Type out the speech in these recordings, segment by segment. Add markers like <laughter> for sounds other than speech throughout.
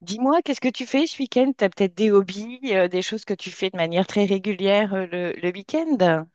Dis-moi, qu'est-ce que tu fais ce week-end? Tu as peut-être des hobbies, des choses que tu fais de manière très régulière le week-end?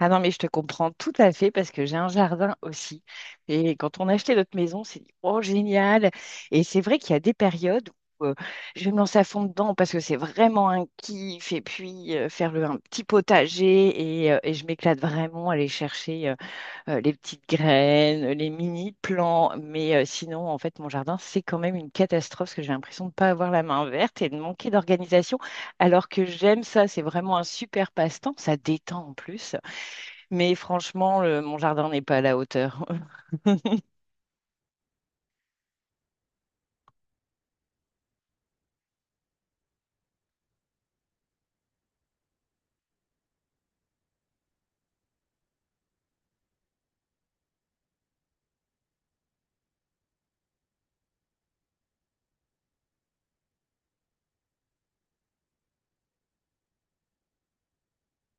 Ah non, mais je te comprends tout à fait parce que j'ai un jardin aussi. Et quand on a acheté notre maison, on s'est dit, oh, génial! Et c'est vrai qu'il y a des périodes où je vais me lancer à fond dedans parce que c'est vraiment un kiff. Et puis, faire un petit potager et je m'éclate vraiment à aller chercher les petites graines, les mini-plants. Mais sinon, en fait, mon jardin, c'est quand même une catastrophe parce que j'ai l'impression de ne pas avoir la main verte et de manquer d'organisation. Alors que j'aime ça, c'est vraiment un super passe-temps. Ça détend en plus. Mais franchement, mon jardin n'est pas à la hauteur. <laughs>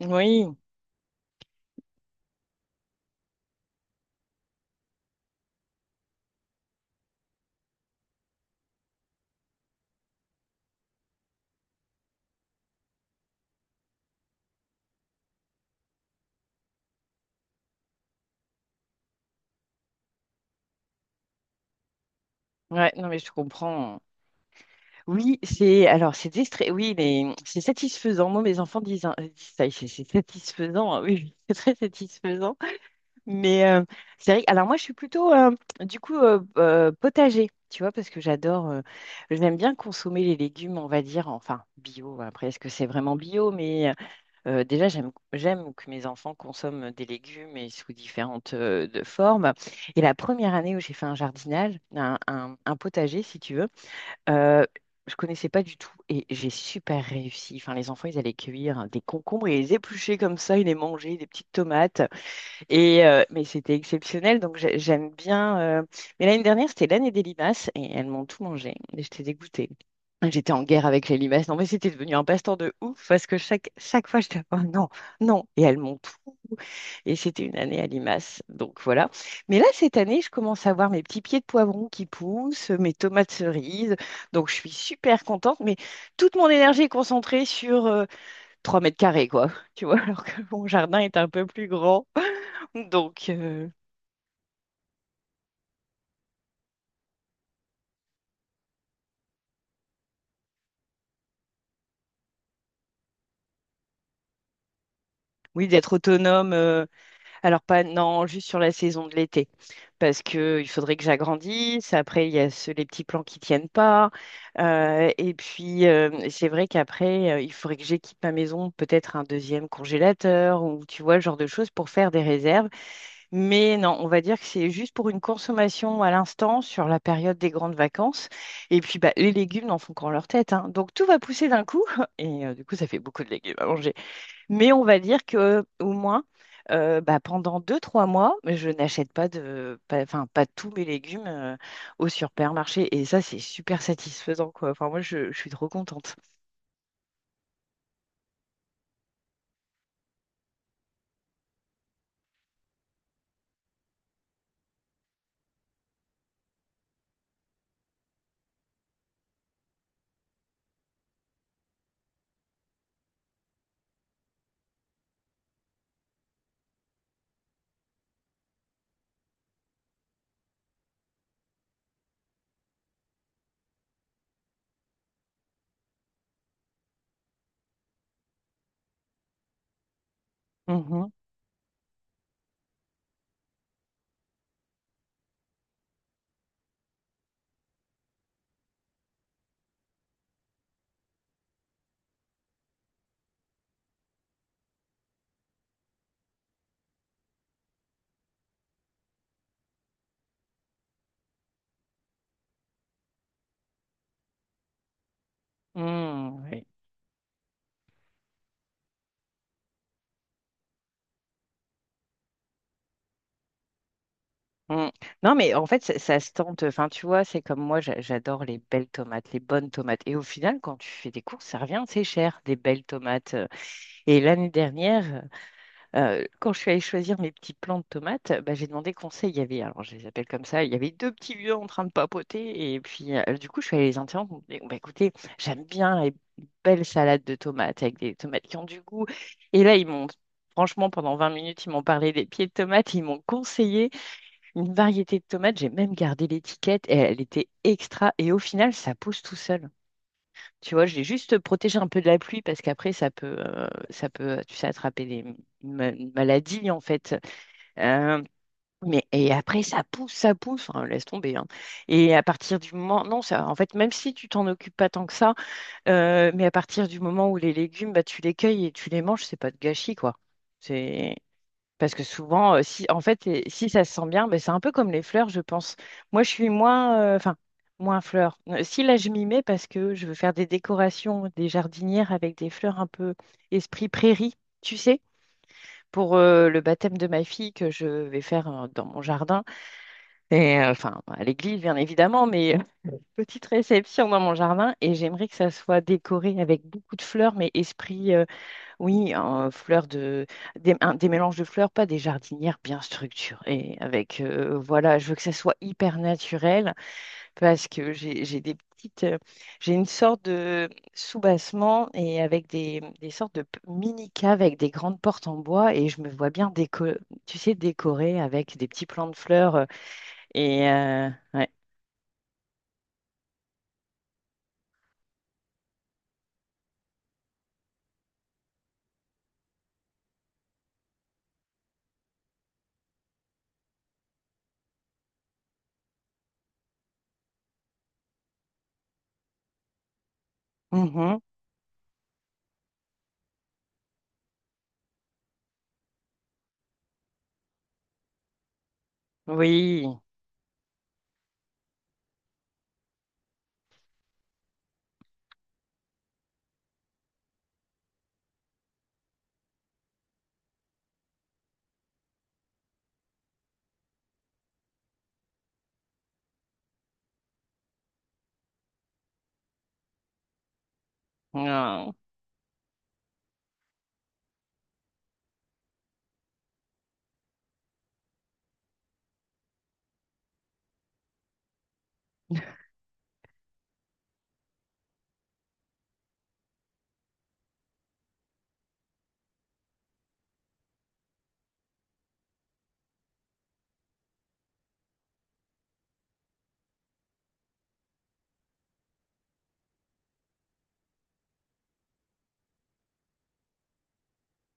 Oui, ouais, non, mais je comprends. Oui, oui, mais c'est satisfaisant. Moi, mes enfants disent, disent ça, c'est satisfaisant, hein. Oui, <laughs> c'est très satisfaisant. Mais c'est vrai, alors moi je suis plutôt du coup potager, tu vois, parce que j'adore, j'aime bien consommer les légumes, on va dire, enfin bio, après est-ce que c'est vraiment bio, mais déjà j'aime que mes enfants consomment des légumes et sous différentes de formes. Et la première année où j'ai fait un jardinage, un potager si tu veux, euh, je connaissais pas du tout et j'ai super réussi. Enfin les enfants ils allaient cueillir des concombres et les éplucher comme ça, ils les mangeaient, des petites tomates. Et mais c'était exceptionnel, donc j'aime bien. Mais l'année dernière, c'était l'année des limaces et elles m'ont tout mangé. Et j'étais dégoûtée. J'étais en guerre avec les limaces. Non, mais c'était devenu un passe-temps de ouf parce que chaque fois, j'étais oh, non, non. Et elles m'ont tout. Et c'était une année à limaces. Donc voilà. Mais là, cette année, je commence à voir mes petits pieds de poivron qui poussent, mes tomates cerises. Donc je suis super contente. Mais toute mon énergie est concentrée sur 3 mètres carrés, quoi. Tu vois, alors que mon jardin est un peu plus grand. Donc, oui, d'être autonome. Alors, pas, non, juste sur la saison de l'été. Parce que il faudrait que j'agrandisse. Après, il y a les petits plans qui tiennent pas. Et puis, c'est vrai qu'après, il faudrait que j'équipe ma maison, peut-être un deuxième congélateur ou tu vois, le genre de choses pour faire des réserves. Mais non, on va dire que c'est juste pour une consommation à l'instant sur la période des grandes vacances. Et puis, bah, les légumes n'en font qu'en leur tête, hein. Donc, tout va pousser d'un coup. <laughs> Et du coup, ça fait beaucoup de légumes à manger. Mais on va dire que au moins, bah, pendant 2, 3 mois, je n'achète pas de, pas- enfin pas tous mes légumes au supermarché. Et ça, c'est super satisfaisant, quoi. Enfin, moi, je suis trop contente. Mhm. Mm, oui. Mm. Non, mais en fait, ça se tente. Enfin, tu vois, c'est comme moi, j'adore les belles tomates, les bonnes tomates. Et au final, quand tu fais des courses, ça revient, c'est cher, des belles tomates. Et l'année dernière, quand je suis allée choisir mes petits plants de tomates, bah, j'ai demandé conseil. Il y avait, alors je les appelle comme ça, il y avait deux petits vieux en train de papoter. Et puis, du coup, je suis allée les interrompre. Je me dis, bah, écoutez, j'aime bien les belles salades de tomates avec des tomates qui ont du goût. Et là, ils m'ont, franchement, pendant 20 minutes, ils m'ont parlé des pieds de tomates. Ils m'ont conseillé une variété de tomates. J'ai même gardé l'étiquette. Et elle était extra. Et au final, ça pousse tout seul. Tu vois, je l'ai juste protégé un peu de la pluie parce qu'après, ça peut, tu sais, attraper des une maladie, en fait. Euh, mais, et après, ça pousse, enfin, laisse tomber, hein. Et à partir du moment, non, ça, en fait, même si tu t'en occupes pas tant que ça, mais à partir du moment où les légumes, bah, tu les cueilles et tu les manges, c'est pas de gâchis, quoi. C'est parce que souvent, si, en fait, si ça se sent bien, ben, c'est un peu comme les fleurs, je pense. Moi, je suis moins, enfin, moins fleur. Si là, je m'y mets parce que je veux faire des décorations, des jardinières avec des fleurs un peu esprit prairie, tu sais, pour le baptême de ma fille que je vais faire dans mon jardin. Et enfin, à l'église, bien évidemment, mais <laughs> petite réception dans mon jardin. Et j'aimerais que ça soit décoré avec beaucoup de fleurs, mais esprit oui, un fleur de, des, un- des mélanges de fleurs, pas des jardinières bien structurées. Avec, voilà, je veux que ça soit hyper naturel parce que j'ai une sorte de soubassement et avec des sortes de mini caves avec des grandes portes en bois et je me vois bien tu sais, décorer avec des petits plants de fleurs et euh, ouais. Mhm. Oui. Ah.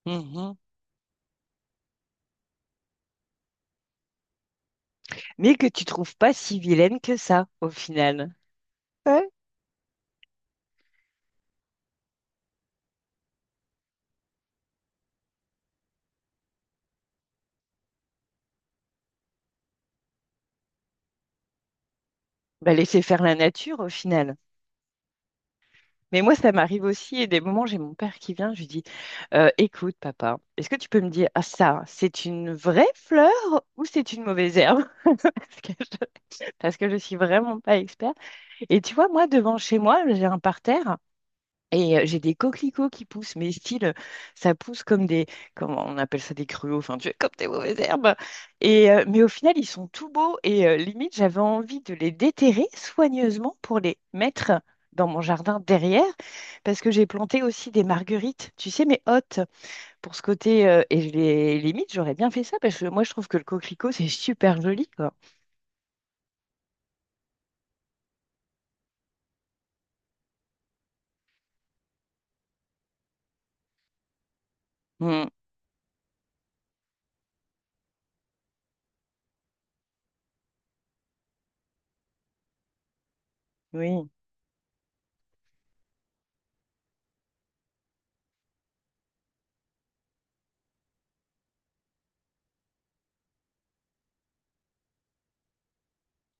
Mhm. <laughs> Mais que tu trouves pas si vilaine que ça au final. Bah, laisser faire la nature au final. Mais moi, ça m'arrive aussi, et des moments, j'ai mon père qui vient, je lui dis, écoute, papa, est-ce que tu peux me dire, ah ça, c'est une vraie fleur ou c'est une mauvaise herbe? <laughs> Parce que je, parce que je suis vraiment pas expert. Et tu vois, moi, devant chez moi, j'ai un parterre. Et j'ai des coquelicots qui poussent, mais style, ça pousse comme comment on appelle ça, des gruaux, enfin, tu comme des mauvaises herbes. Et, mais au final, ils sont tout beaux et limite, j'avais envie de les déterrer soigneusement pour les mettre dans mon jardin derrière, parce que j'ai planté aussi des marguerites, tu sais, mais hautes, pour ce côté, et je les limite, j'aurais bien fait ça, parce que moi, je trouve que le coquelicot, c'est super joli, quoi. Mm, oui,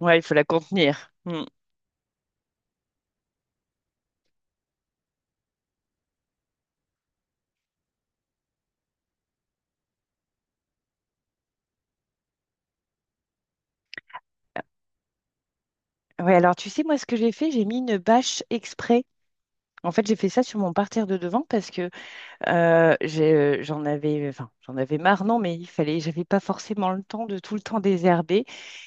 ouais, il faut la contenir. Mm. Ouais, alors tu sais, moi, ce que j'ai fait, j'ai mis une bâche exprès. En fait, j'ai fait ça sur mon parterre de devant parce que euh, j'ai- j'en avais, enfin, j'en avais marre, non, mais il fallait, j'avais pas forcément le temps de tout le temps désherber.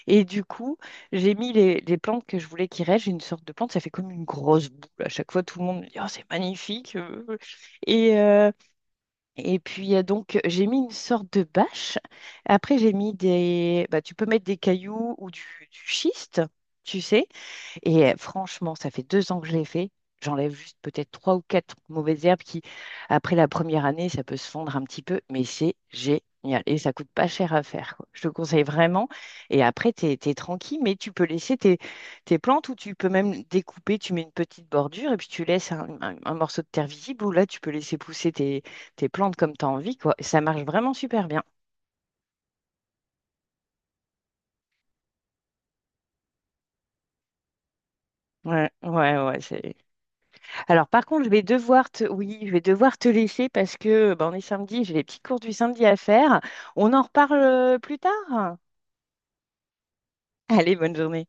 Et du coup, j'ai mis les plantes que je voulais qu'ils restent. J'ai une sorte de plante, ça fait comme une grosse boule. À chaque fois, tout le monde me dit, oh, c'est magnifique. Et, euh, et puis, donc, j'ai mis une sorte de bâche. Après, j'ai mis bah, tu peux mettre des cailloux ou du schiste, tu sais. Et franchement, ça fait 2 ans que je l'ai fait. J'enlève juste peut-être trois ou quatre mauvaises herbes qui, après la première année, ça peut se fondre un petit peu, mais c'est génial. Et ça coûte pas cher à faire, quoi. Je te conseille vraiment. Et après, tu es tranquille, mais tu peux laisser tes plantes ou tu peux même découper, tu mets une petite bordure et puis tu laisses un morceau de terre visible où là, tu peux laisser pousser tes plantes comme tu as envie, quoi. Et ça marche vraiment super bien. Ouais, ouais, ouais, c'est alors par contre, je vais devoir oui, je vais devoir te laisser parce que ben, on est samedi, j'ai les petits cours du samedi à faire. On en reparle plus tard. Allez, bonne journée.